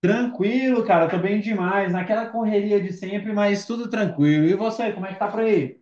Tranquilo, cara, tô bem demais, naquela correria de sempre, mas tudo tranquilo. E você, como é que tá por aí?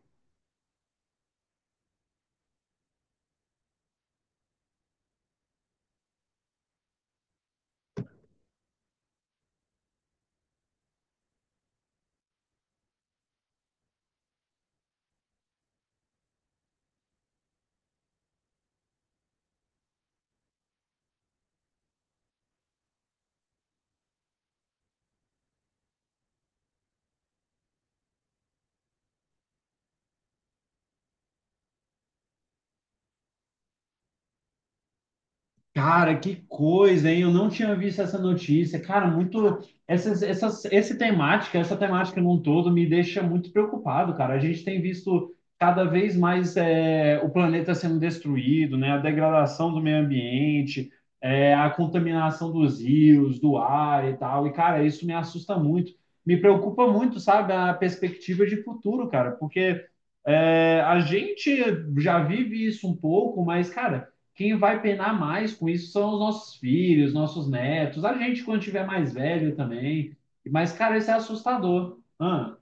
Cara, que coisa, hein? Eu não tinha visto essa notícia. Cara, muito. Essa temática num todo me deixa muito preocupado, cara. A gente tem visto cada vez mais é, o planeta sendo destruído, né? A degradação do meio ambiente, é, a contaminação dos rios, do ar e tal. E, cara, isso me assusta muito. Me preocupa muito, sabe, a perspectiva de futuro, cara, porque é, a gente já vive isso um pouco, mas, cara. Quem vai penar mais com isso são os nossos filhos, nossos netos, a gente quando tiver mais velho também. Mas, cara, isso é assustador. Ah,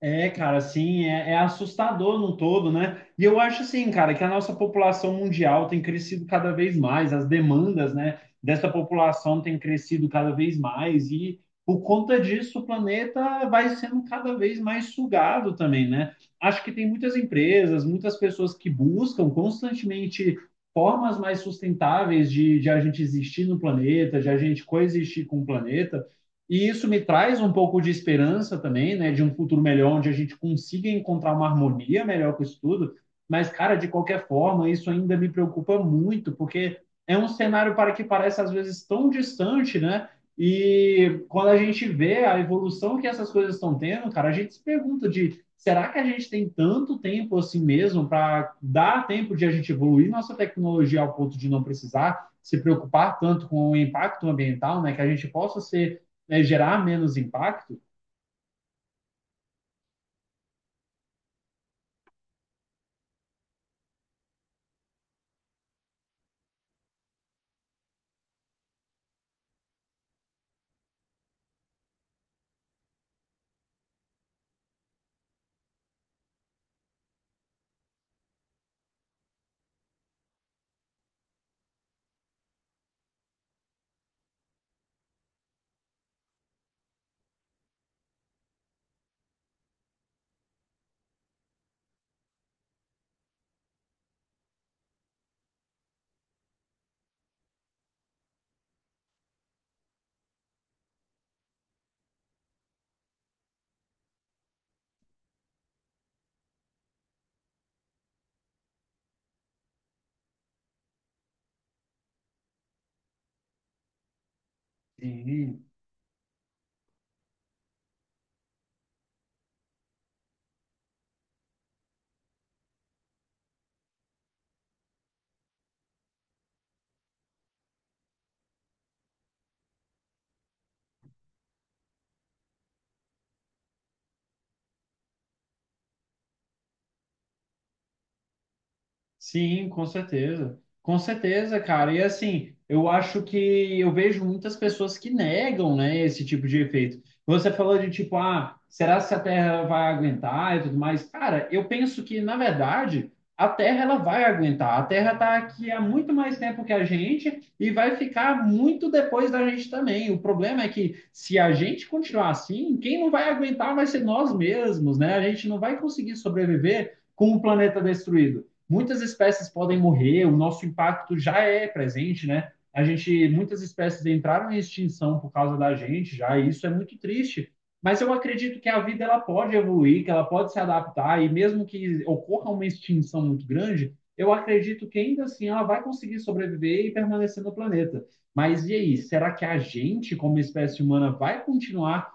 é, cara, assim, é, é assustador num todo, né? E eu acho assim, cara, que a nossa população mundial tem crescido cada vez mais, as demandas, né, dessa população tem crescido cada vez mais e por conta disso o planeta vai sendo cada vez mais sugado também, né? Acho que tem muitas empresas, muitas pessoas que buscam constantemente formas mais sustentáveis de a gente existir no planeta, de a gente coexistir com o planeta. E isso me traz um pouco de esperança também, né, de um futuro melhor, onde a gente consiga encontrar uma harmonia melhor com isso tudo. Mas, cara, de qualquer forma, isso ainda me preocupa muito, porque é um cenário para que parece às vezes tão distante, né? E quando a gente vê a evolução que essas coisas estão tendo, cara, a gente se pergunta de será que a gente tem tanto tempo assim mesmo para dar tempo de a gente evoluir nossa tecnologia ao ponto de não precisar se preocupar tanto com o impacto ambiental, né? Que a gente possa ser, né, gerar menos impacto, e sim, com certeza. Com certeza, cara. E assim, eu acho que eu vejo muitas pessoas que negam, né, esse tipo de efeito. Você falou de tipo, ah, será se a Terra vai aguentar e tudo mais? Cara, eu penso que, na verdade, a Terra ela vai aguentar. A Terra tá aqui há muito mais tempo que a gente e vai ficar muito depois da gente também. O problema é que se a gente continuar assim, quem não vai aguentar vai ser nós mesmos, né? A gente não vai conseguir sobreviver com o planeta destruído, muitas espécies podem morrer, o nosso impacto já é presente, né? A gente, muitas espécies entraram em extinção por causa da gente, já, e isso é muito triste. Mas eu acredito que a vida ela pode evoluir, que ela pode se adaptar e mesmo que ocorra uma extinção muito grande, eu acredito que ainda assim ela vai conseguir sobreviver e permanecer no planeta. Mas e aí, será que a gente, como espécie humana, vai continuar,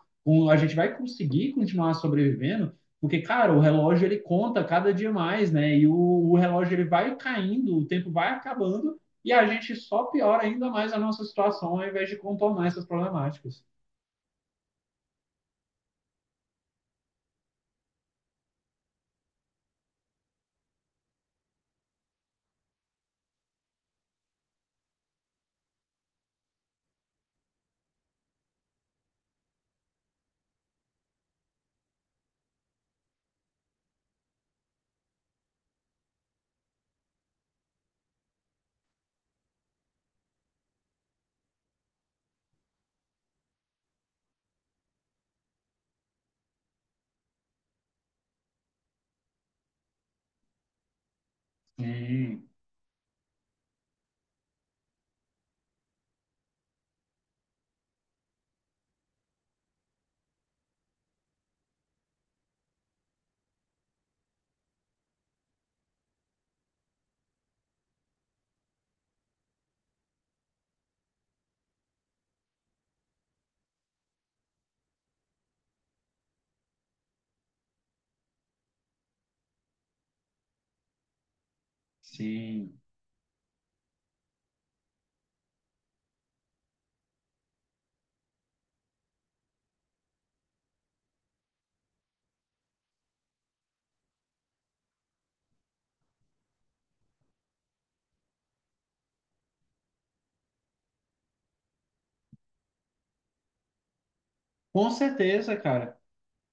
a gente vai conseguir continuar sobrevivendo? Porque, cara, o relógio ele conta cada dia mais, né? E o relógio ele vai caindo, o tempo vai acabando e a gente só piora ainda mais a nossa situação ao invés de contornar essas problemáticas. Sim, sim. Com certeza, cara.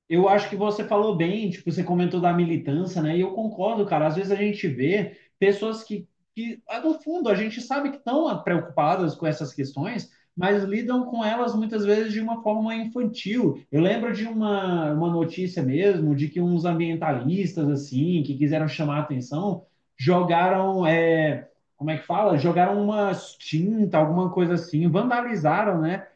Eu acho, que você falou bem, tipo, você comentou da militância, né? E eu concordo, cara. Às vezes a gente vê pessoas que ah, no fundo, a gente sabe que estão preocupadas com essas questões, mas lidam com elas muitas vezes de uma forma infantil. Eu lembro de uma notícia mesmo de que uns ambientalistas, assim, que quiseram chamar a atenção, jogaram, é, como é que fala? Jogaram uma tinta, alguma coisa assim, vandalizaram, né?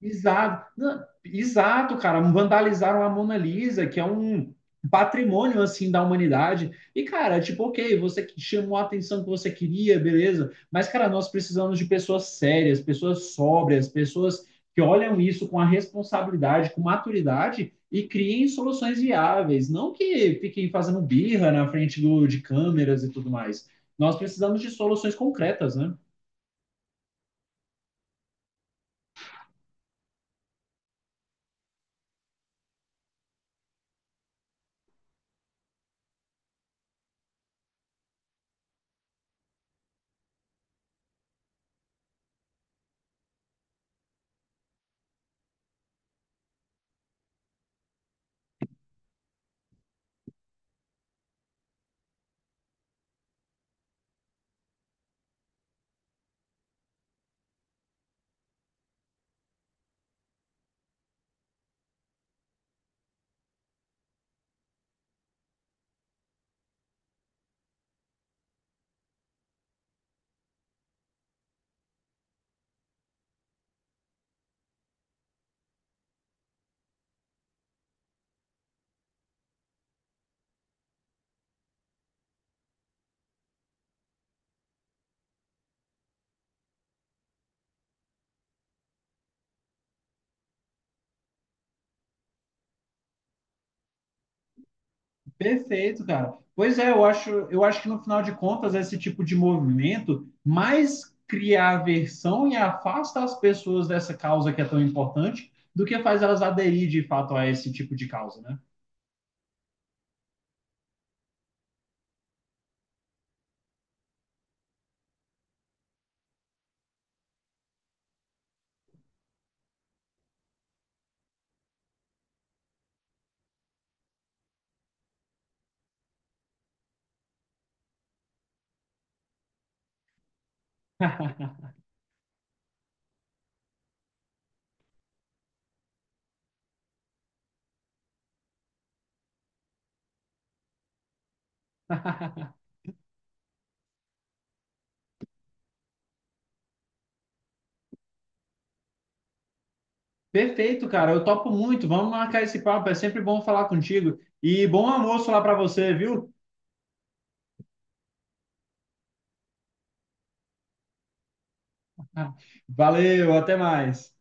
Exato, não, exato, cara. Vandalizaram a Mona Lisa, que é um patrimônio assim da humanidade. E, cara, tipo, ok, você que chamou a atenção que você queria, beleza. Mas, cara, nós precisamos de pessoas sérias, pessoas sóbrias, pessoas que olham isso com a responsabilidade, com maturidade e criem soluções viáveis, não que fiquem fazendo birra na frente do, de câmeras e tudo mais. Nós precisamos de soluções concretas, né? Perfeito, cara. Pois é, eu acho que no final de contas, esse tipo de movimento mais cria aversão e afasta as pessoas dessa causa que é tão importante do que faz elas aderir de fato a esse tipo de causa, né? Perfeito, cara. Eu topo muito. Vamos marcar esse papo. É sempre bom falar contigo. E bom almoço lá para você, viu? Valeu, até mais.